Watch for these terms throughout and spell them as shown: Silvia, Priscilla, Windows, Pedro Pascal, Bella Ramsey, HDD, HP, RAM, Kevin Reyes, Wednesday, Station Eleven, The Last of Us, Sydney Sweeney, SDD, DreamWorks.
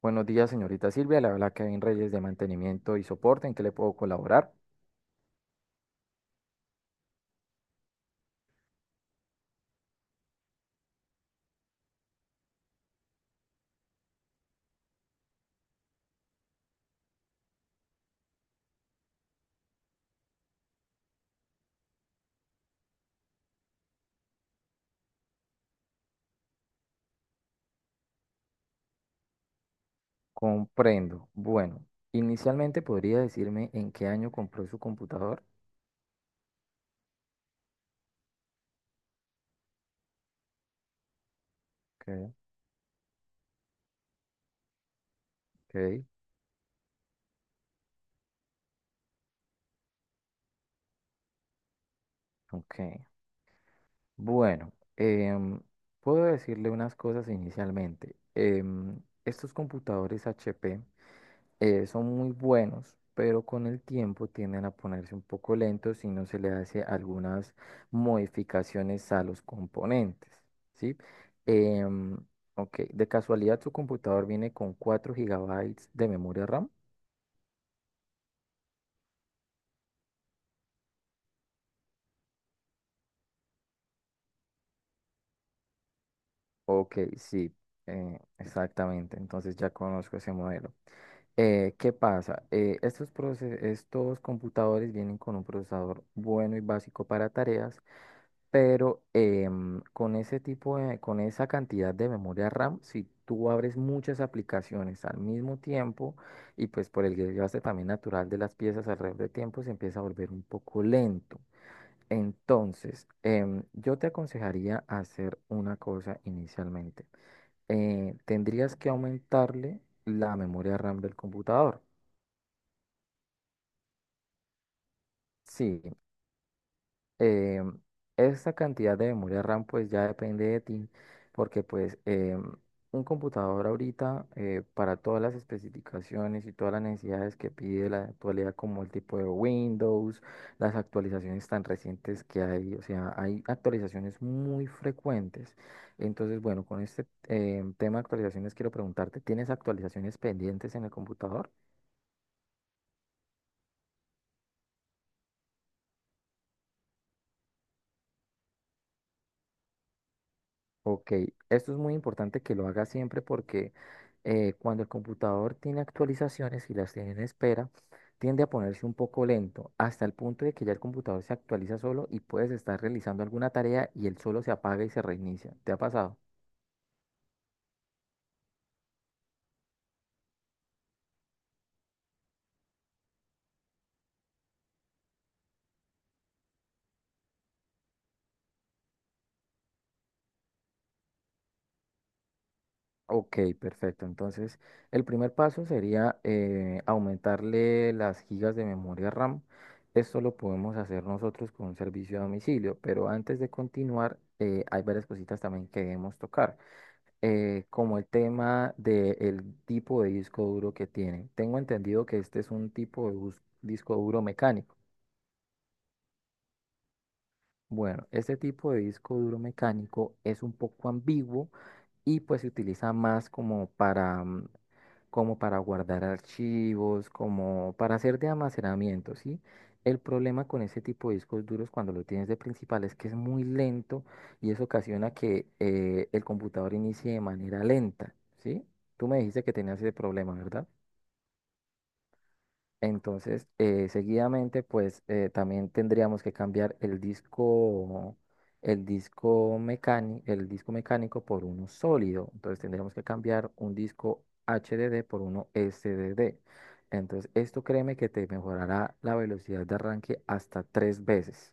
Buenos días, señorita Silvia. La habla Kevin Reyes de Mantenimiento y Soporte. ¿En qué le puedo colaborar? Comprendo. Bueno, inicialmente podría decirme en qué año compró su computador. Ok. Ok. Ok. Bueno, em, puedo decirle unas cosas inicialmente. Estos computadores HP, son muy buenos, pero con el tiempo tienden a ponerse un poco lentos si no se le hace algunas modificaciones a los componentes, ¿sí? Em, ok, de casualidad su computador viene con 4 gigabytes de memoria RAM. Ok, sí, exactamente. Entonces ya conozco ese modelo. ¿Qué pasa? Estos computadores vienen con un procesador bueno y básico para tareas, pero con ese tipo de, con esa cantidad de memoria RAM, si tú abres muchas aplicaciones al mismo tiempo y pues por el desgaste también natural de las piezas alrededor de tiempo, se empieza a volver un poco lento. Entonces, yo te aconsejaría hacer una cosa inicialmente. Tendrías que aumentarle la memoria RAM del computador. Sí. Eh, esa cantidad de memoria RAM pues ya depende de ti, porque pues un computador ahorita para todas las especificaciones y todas las necesidades que pide la actualidad como el tipo de Windows, las actualizaciones tan recientes que hay, o sea, hay actualizaciones muy frecuentes. Entonces, bueno, con este tema de actualizaciones quiero preguntarte, ¿tienes actualizaciones pendientes en el computador? Ok. Esto es muy importante que lo haga siempre porque cuando el computador tiene actualizaciones y las tiene en espera, tiende a ponerse un poco lento, hasta el punto de que ya el computador se actualiza solo y puedes estar realizando alguna tarea y él solo se apaga y se reinicia. ¿Te ha pasado? Ok, perfecto. Entonces, el primer paso sería aumentarle las gigas de memoria RAM. Esto lo podemos hacer nosotros con un servicio a domicilio, pero antes de continuar, hay varias cositas también que debemos tocar. Como el tema del tipo de disco duro que tiene. Tengo entendido que este es un tipo de disco duro mecánico. Bueno, este tipo de disco duro mecánico es un poco ambiguo y pues se utiliza más como para guardar archivos, como para hacer de almacenamiento, ¿sí? El problema con ese tipo de discos duros cuando lo tienes de principal es que es muy lento y eso ocasiona que el computador inicie de manera lenta, ¿sí? Tú me dijiste que tenías ese problema, ¿verdad? Entonces, seguidamente, pues también tendríamos que cambiar el disco mecánico por uno sólido. Entonces, tendríamos que cambiar un disco HDD por uno SDD. Entonces, esto créeme que te mejorará la velocidad de arranque hasta tres veces.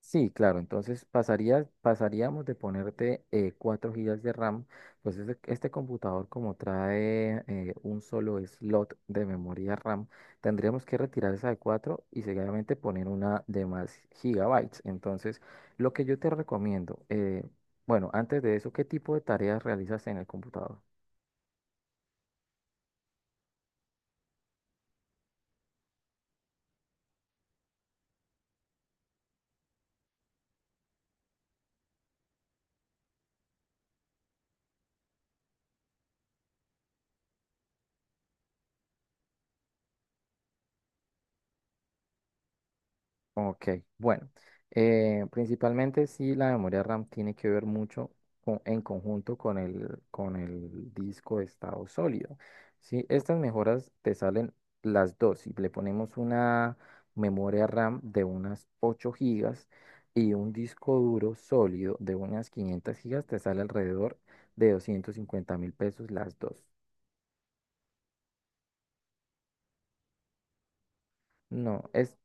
Sí, claro, entonces pasaríamos de ponerte 4 GB de RAM. Pues este computador como trae un solo slot de memoria RAM, tendríamos que retirar esa de 4 y seguidamente poner una de más gigabytes. Entonces, lo que yo te recomiendo, bueno, antes de eso, ¿qué tipo de tareas realizas en el computador? Ok, bueno, principalmente sí la memoria RAM tiene que ver mucho en conjunto con el disco de estado sólido. ¿Sí? Estas mejoras te salen las dos. Y le ponemos una memoria RAM de unas 8 gigas y un disco duro sólido de unas 500 gigas. Te sale alrededor de 250.000 pesos las dos. No, es.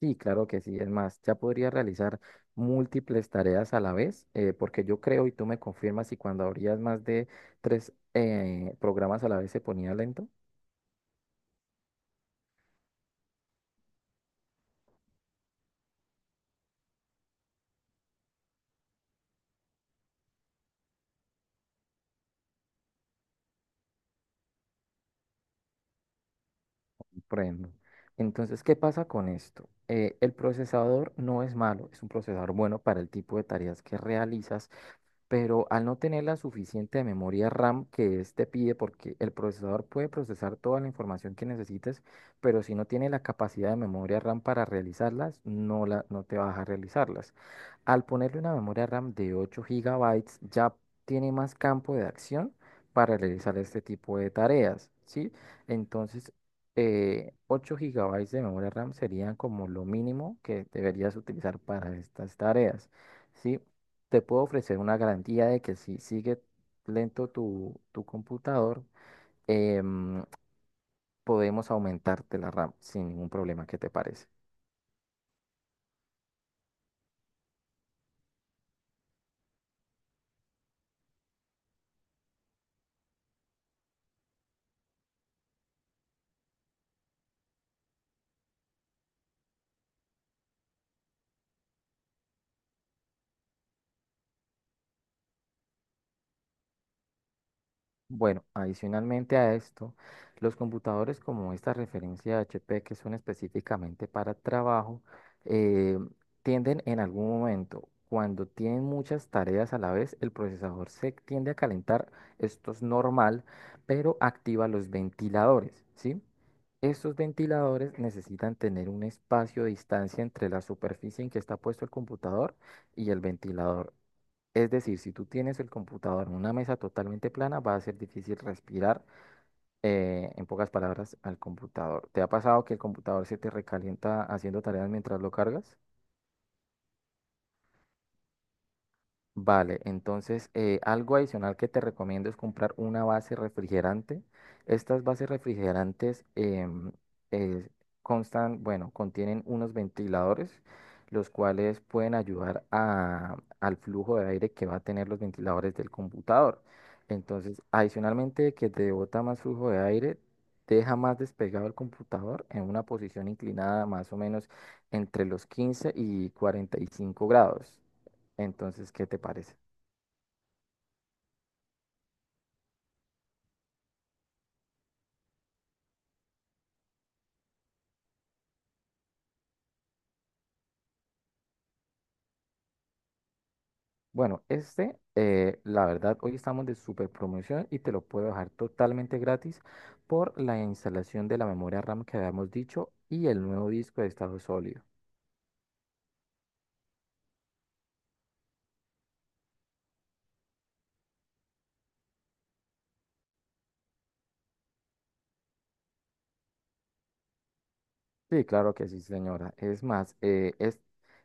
Sí, claro que sí. Es más, ya podría realizar múltiples tareas a la vez, porque yo creo y tú me confirmas si cuando abrías más de tres programas a la vez se ponía lento. Prendo. Entonces, ¿qué pasa con esto? El procesador no es malo, es un procesador bueno para el tipo de tareas que realizas, pero al no tener la suficiente memoria RAM que este pide, porque el procesador puede procesar toda la información que necesites, pero si no tiene la capacidad de memoria RAM para realizarlas, no, no te vas a realizarlas. Al ponerle una memoria RAM de 8 gigabytes ya tiene más campo de acción para realizar este tipo de tareas, ¿sí? Entonces, 8 gigabytes de memoria RAM serían como lo mínimo que deberías utilizar para estas tareas, ¿sí? Te puedo ofrecer una garantía de que si sigue lento tu computador, em, podemos aumentarte la RAM sin ningún problema. ¿Qué te parece? Bueno, adicionalmente a esto, los computadores como esta referencia de HP que son específicamente para trabajo, eh, tienden en algún momento, cuando tienen muchas tareas a la vez, el procesador se tiende a calentar. Esto es normal, pero activa los ventiladores, ¿sí? Estos ventiladores necesitan tener un espacio de distancia entre la superficie en que está puesto el computador y el ventilador. Es decir, si tú tienes el computador en una mesa totalmente plana, va a ser difícil respirar, en pocas palabras, al computador. ¿Te ha pasado que el computador se te recalienta haciendo tareas mientras lo cargas? Vale, entonces algo adicional que te recomiendo es comprar una base refrigerante. Estas bases refrigerantes eh, constan, bueno, contienen unos ventiladores, los cuales pueden ayudar al flujo de aire que va a tener los ventiladores del computador. Entonces, adicionalmente de que te bota más flujo de aire, deja más despegado el computador en una posición inclinada más o menos entre los 15 y 45 grados. Entonces, ¿qué te parece? Bueno, este, la verdad, hoy estamos de super promoción y te lo puedo dejar totalmente gratis por la instalación de la memoria RAM que habíamos dicho y el nuevo disco de estado sólido. Sí, claro que sí, señora. Es más,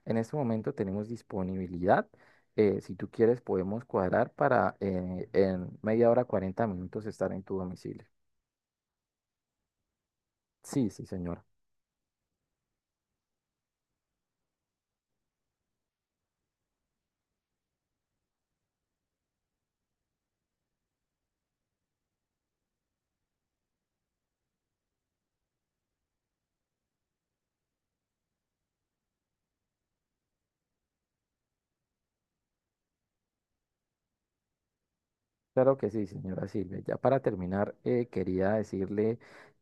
en este momento tenemos disponibilidad. Si tú quieres, podemos cuadrar para en media hora, 40 minutos estar en tu domicilio. Sí, sí, señora. Claro que sí, señora Silvia. Ya para terminar, quería decirle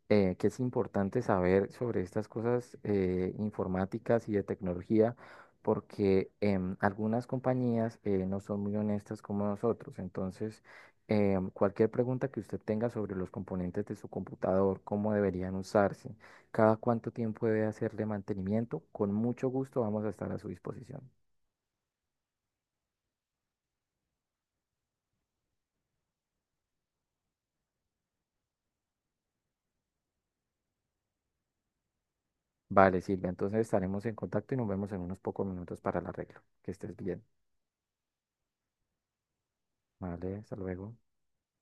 que es importante saber sobre estas cosas informáticas y de tecnología, porque algunas compañías no son muy honestas como nosotros. Entonces, cualquier pregunta que usted tenga sobre los componentes de su computador, cómo deberían usarse, cada cuánto tiempo debe hacerle mantenimiento, con mucho gusto vamos a estar a su disposición. Vale, Silvia, entonces estaremos en contacto y nos vemos en unos pocos minutos para el arreglo. Que estés bien. Vale, hasta luego.